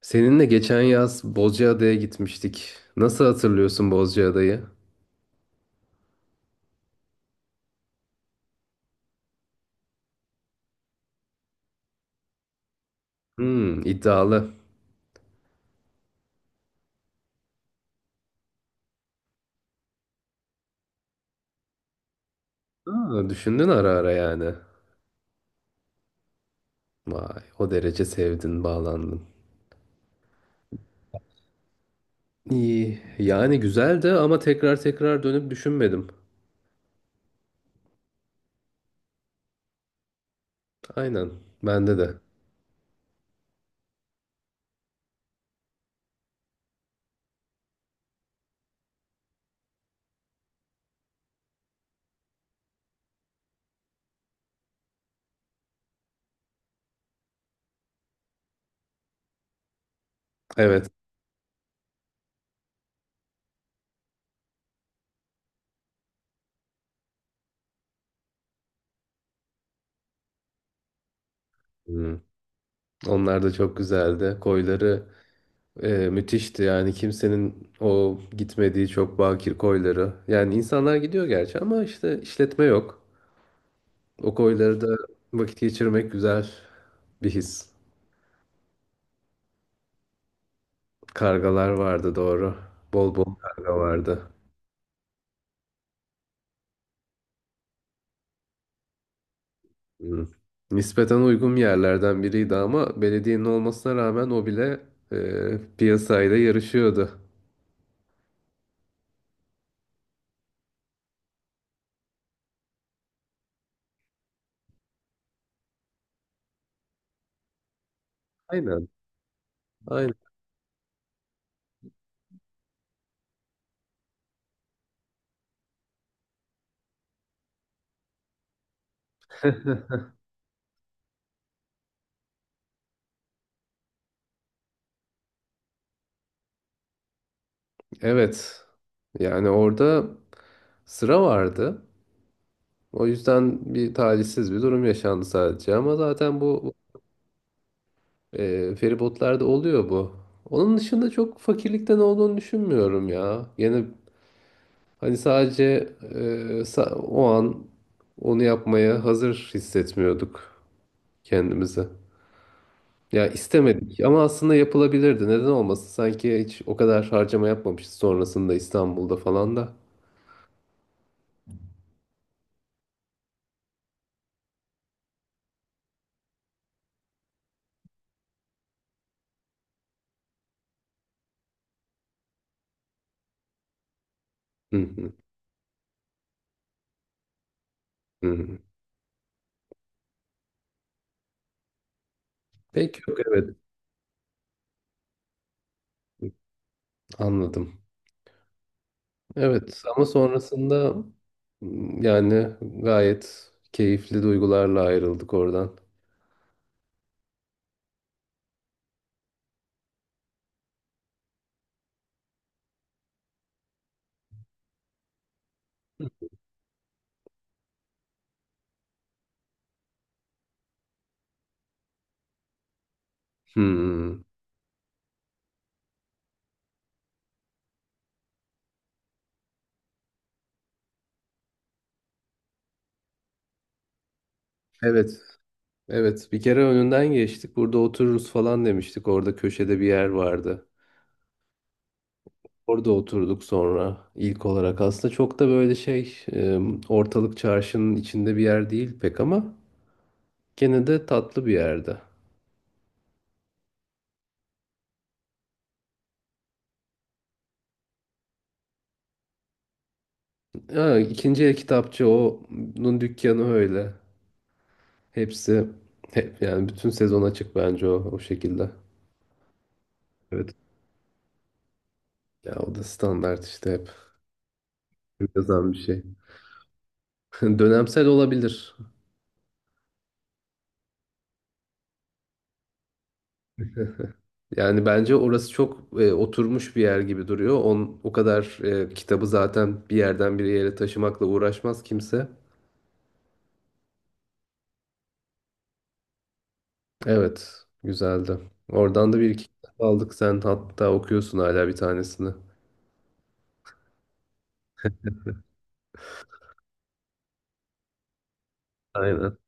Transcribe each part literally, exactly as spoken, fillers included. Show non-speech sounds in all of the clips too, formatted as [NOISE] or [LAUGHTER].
Seninle geçen yaz Bozcaada'ya gitmiştik. Nasıl hatırlıyorsun Bozcaada'yı? Hmm, iddialı. Aa, düşündün ara ara yani. Vay, o derece sevdin, bağlandın. İyi, yani güzeldi ama tekrar tekrar dönüp düşünmedim. Aynen, bende de. Evet. Hmm, onlar da çok güzeldi. Koyları e, müthişti yani kimsenin o gitmediği çok bakir koyları. Yani insanlar gidiyor gerçi ama işte işletme yok. O koylarda vakit geçirmek güzel bir his. Kargalar vardı doğru. Bol bol karga vardı. Hı. Nispeten uygun yerlerden biriydi ama belediyenin olmasına rağmen o bile e, piyasayla yarışıyordu. Aynen. Aynen. Evet. Yani orada sıra vardı. O yüzden bir talihsiz bir durum yaşandı sadece. Ama zaten bu e, feribotlarda oluyor bu. Onun dışında çok fakirlikten olduğunu düşünmüyorum ya. Yine hani sadece e, sa- o an onu yapmaya hazır hissetmiyorduk kendimizi. Ya istemedik ama aslında yapılabilirdi. Neden olmasın? Sanki hiç o kadar harcama yapmamışız sonrasında İstanbul'da falan da. Hı hı, hı. Hı. Peki yok, evet, anladım. Evet ama sonrasında m, yani gayet keyifli duygularla ayrıldık oradan. Hı. Evet. Evet, bir kere önünden geçtik. Burada otururuz falan demiştik. Orada köşede bir yer vardı. Orada oturduk sonra ilk olarak. Aslında çok da böyle şey e, ortalık çarşının içinde bir yer değil pek ama gene de tatlı bir yerde. Ha, ikinci el kitapçı onun dükkanı öyle. Hepsi hep yani bütün sezon açık bence o o şekilde. Evet. Ya o da standart işte hep yazan bir şey. [LAUGHS] Dönemsel olabilir. Yani bence orası çok e, oturmuş bir yer gibi duruyor. On, o kadar e, kitabı zaten bir yerden bir yere taşımakla uğraşmaz kimse. Evet, güzeldi. Oradan da bir iki kitap aldık. Sen hatta okuyorsun hala bir tanesini. Aynen.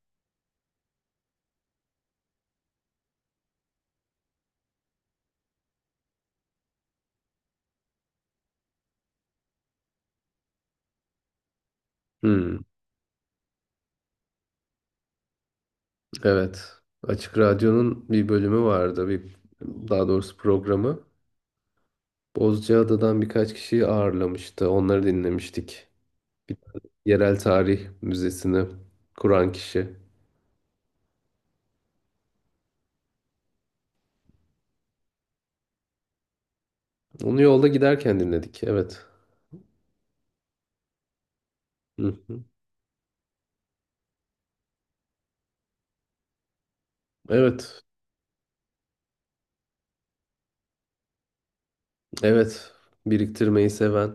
Hmm, evet. Açık Radyo'nun bir bölümü vardı. Bir, daha doğrusu programı. Bozcaada'dan birkaç kişiyi ağırlamıştı. Onları dinlemiştik. Yerel Tarih Müzesi'ni kuran kişi. Onu yolda giderken dinledik. Evet. Hı. Evet, evet. Biriktirmeyi seven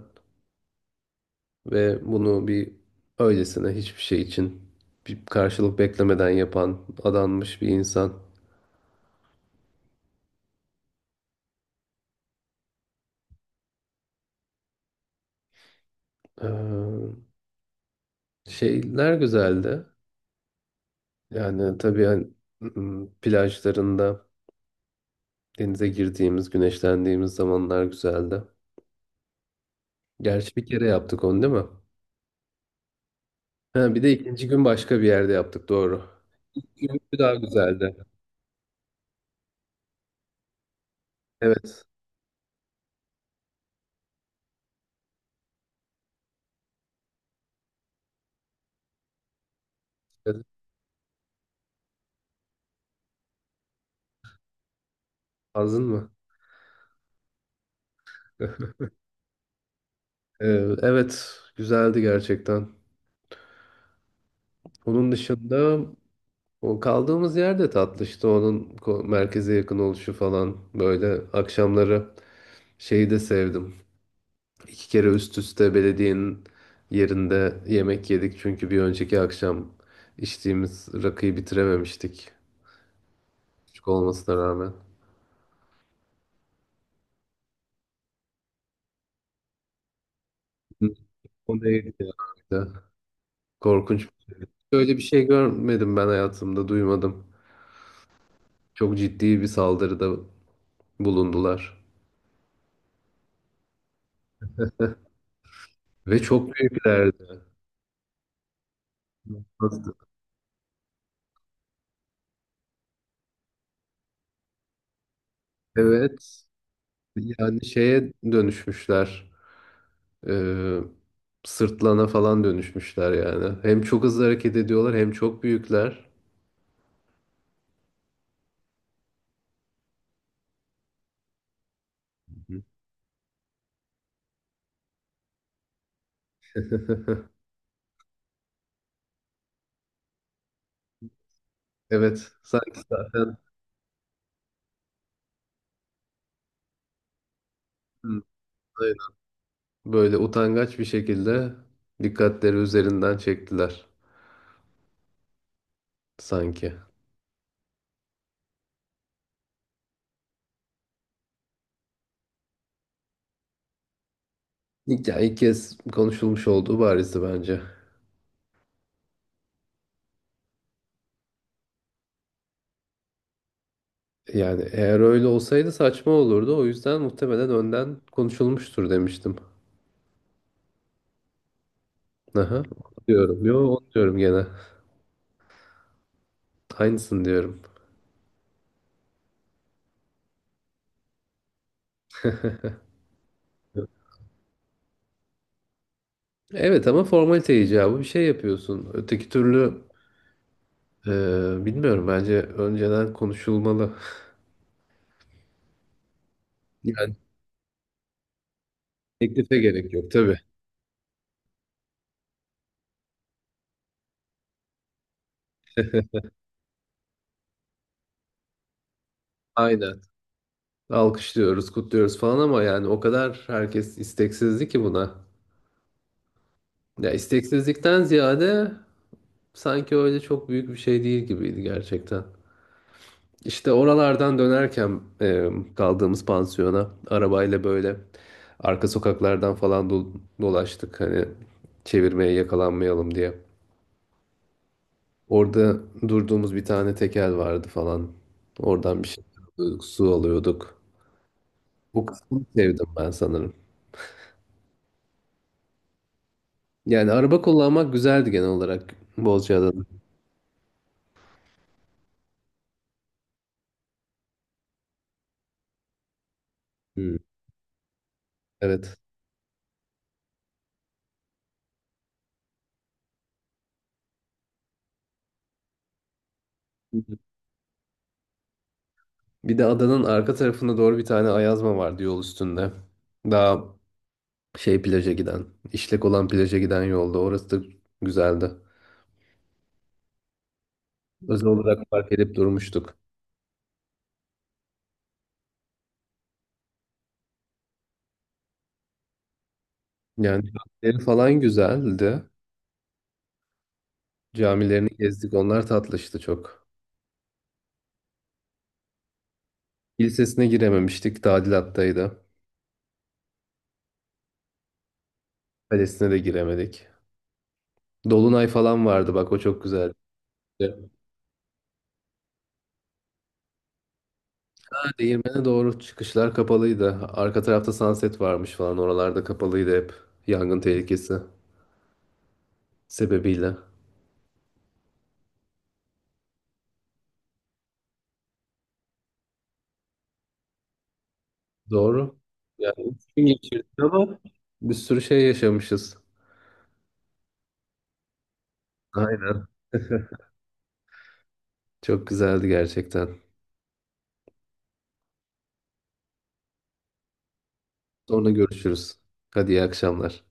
ve bunu bir öylesine hiçbir şey için bir karşılık beklemeden yapan adanmış bir insan. Ee, Şeyler güzeldi. Yani tabii hani, ım, plajlarında denize girdiğimiz, güneşlendiğimiz zamanlar güzeldi. Gerçi bir kere yaptık onu değil mi? Ha, bir de ikinci gün başka bir yerde yaptık doğru. Günkü daha güzeldi. Evet. Evet. Hazın mı? [LAUGHS] Ee, Evet, güzeldi gerçekten. Onun dışında o kaldığımız yerde tatlı işte onun ko- merkeze yakın oluşu falan böyle akşamları şeyi de sevdim. İki kere üst üste belediyenin yerinde yemek yedik çünkü bir önceki akşam içtiğimiz rakıyı bitirememiştik küçük olmasına rağmen. Hı, o neydi ya? İşte korkunç. Böyle bir şey görmedim ben hayatımda, duymadım. Çok ciddi bir saldırıda bulundular. Ve çok büyüklerdi. Nasıl? Evet. Yani şeye dönüşmüşler. Ee, Sırtlana falan dönüşmüşler yani. Hem çok hızlı hareket ediyorlar hem çok büyükler. Hı. [LAUGHS] Evet, sanki zaten hı, aynen, böyle utangaç bir şekilde dikkatleri üzerinden çektiler sanki. İlk, yani ilk kez konuşulmuş olduğu barizdi bence. Yani eğer öyle olsaydı saçma olurdu. O yüzden muhtemelen önden konuşulmuştur demiştim. Aha, onu diyorum. Yo, onu diyorum gene. Aynısını diyorum. Evet ama formalite icabı bir şey yapıyorsun. Öteki türlü e, bilmiyorum bence önceden konuşulmalı. [LAUGHS] Yani teklife gerek yok tabii. Aynen. Alkışlıyoruz, kutluyoruz falan ama yani o kadar herkes isteksizdi ki buna. Ya isteksizlikten ziyade sanki öyle çok büyük bir şey değil gibiydi gerçekten. İşte oralardan dönerken e, kaldığımız pansiyona arabayla böyle arka sokaklardan falan do- dolaştık hani çevirmeye yakalanmayalım diye. Orada durduğumuz bir tane tekel vardı falan. Oradan bir şey alıyorduk, su alıyorduk. O kısmını sevdim ben sanırım. Yani araba kullanmak güzeldi genel olarak Bozcaada'da. Hmm, evet. Bir de adanın arka tarafına doğru bir tane ayazma vardı yol üstünde. Daha şey plaja giden, işlek olan plaja giden yolda. Orası da güzeldi. Özel olarak park edip durmuştuk. Yani camileri falan güzeldi. Camilerini gezdik. Onlar tatlıştı çok. Kilisesine girememiştik. Tadilattaydı. Kalesine de giremedik. Dolunay falan vardı bak o çok güzeldi. Ha, değirmene doğru çıkışlar kapalıydı. Arka tarafta sunset varmış falan. Oralarda kapalıydı hep. Yangın tehlikesi sebebiyle. Doğru. Yani üç gün geçirdik ama bir sürü şey yaşamışız. Aynen. [LAUGHS] Çok güzeldi gerçekten. Sonra görüşürüz. Hadi iyi akşamlar.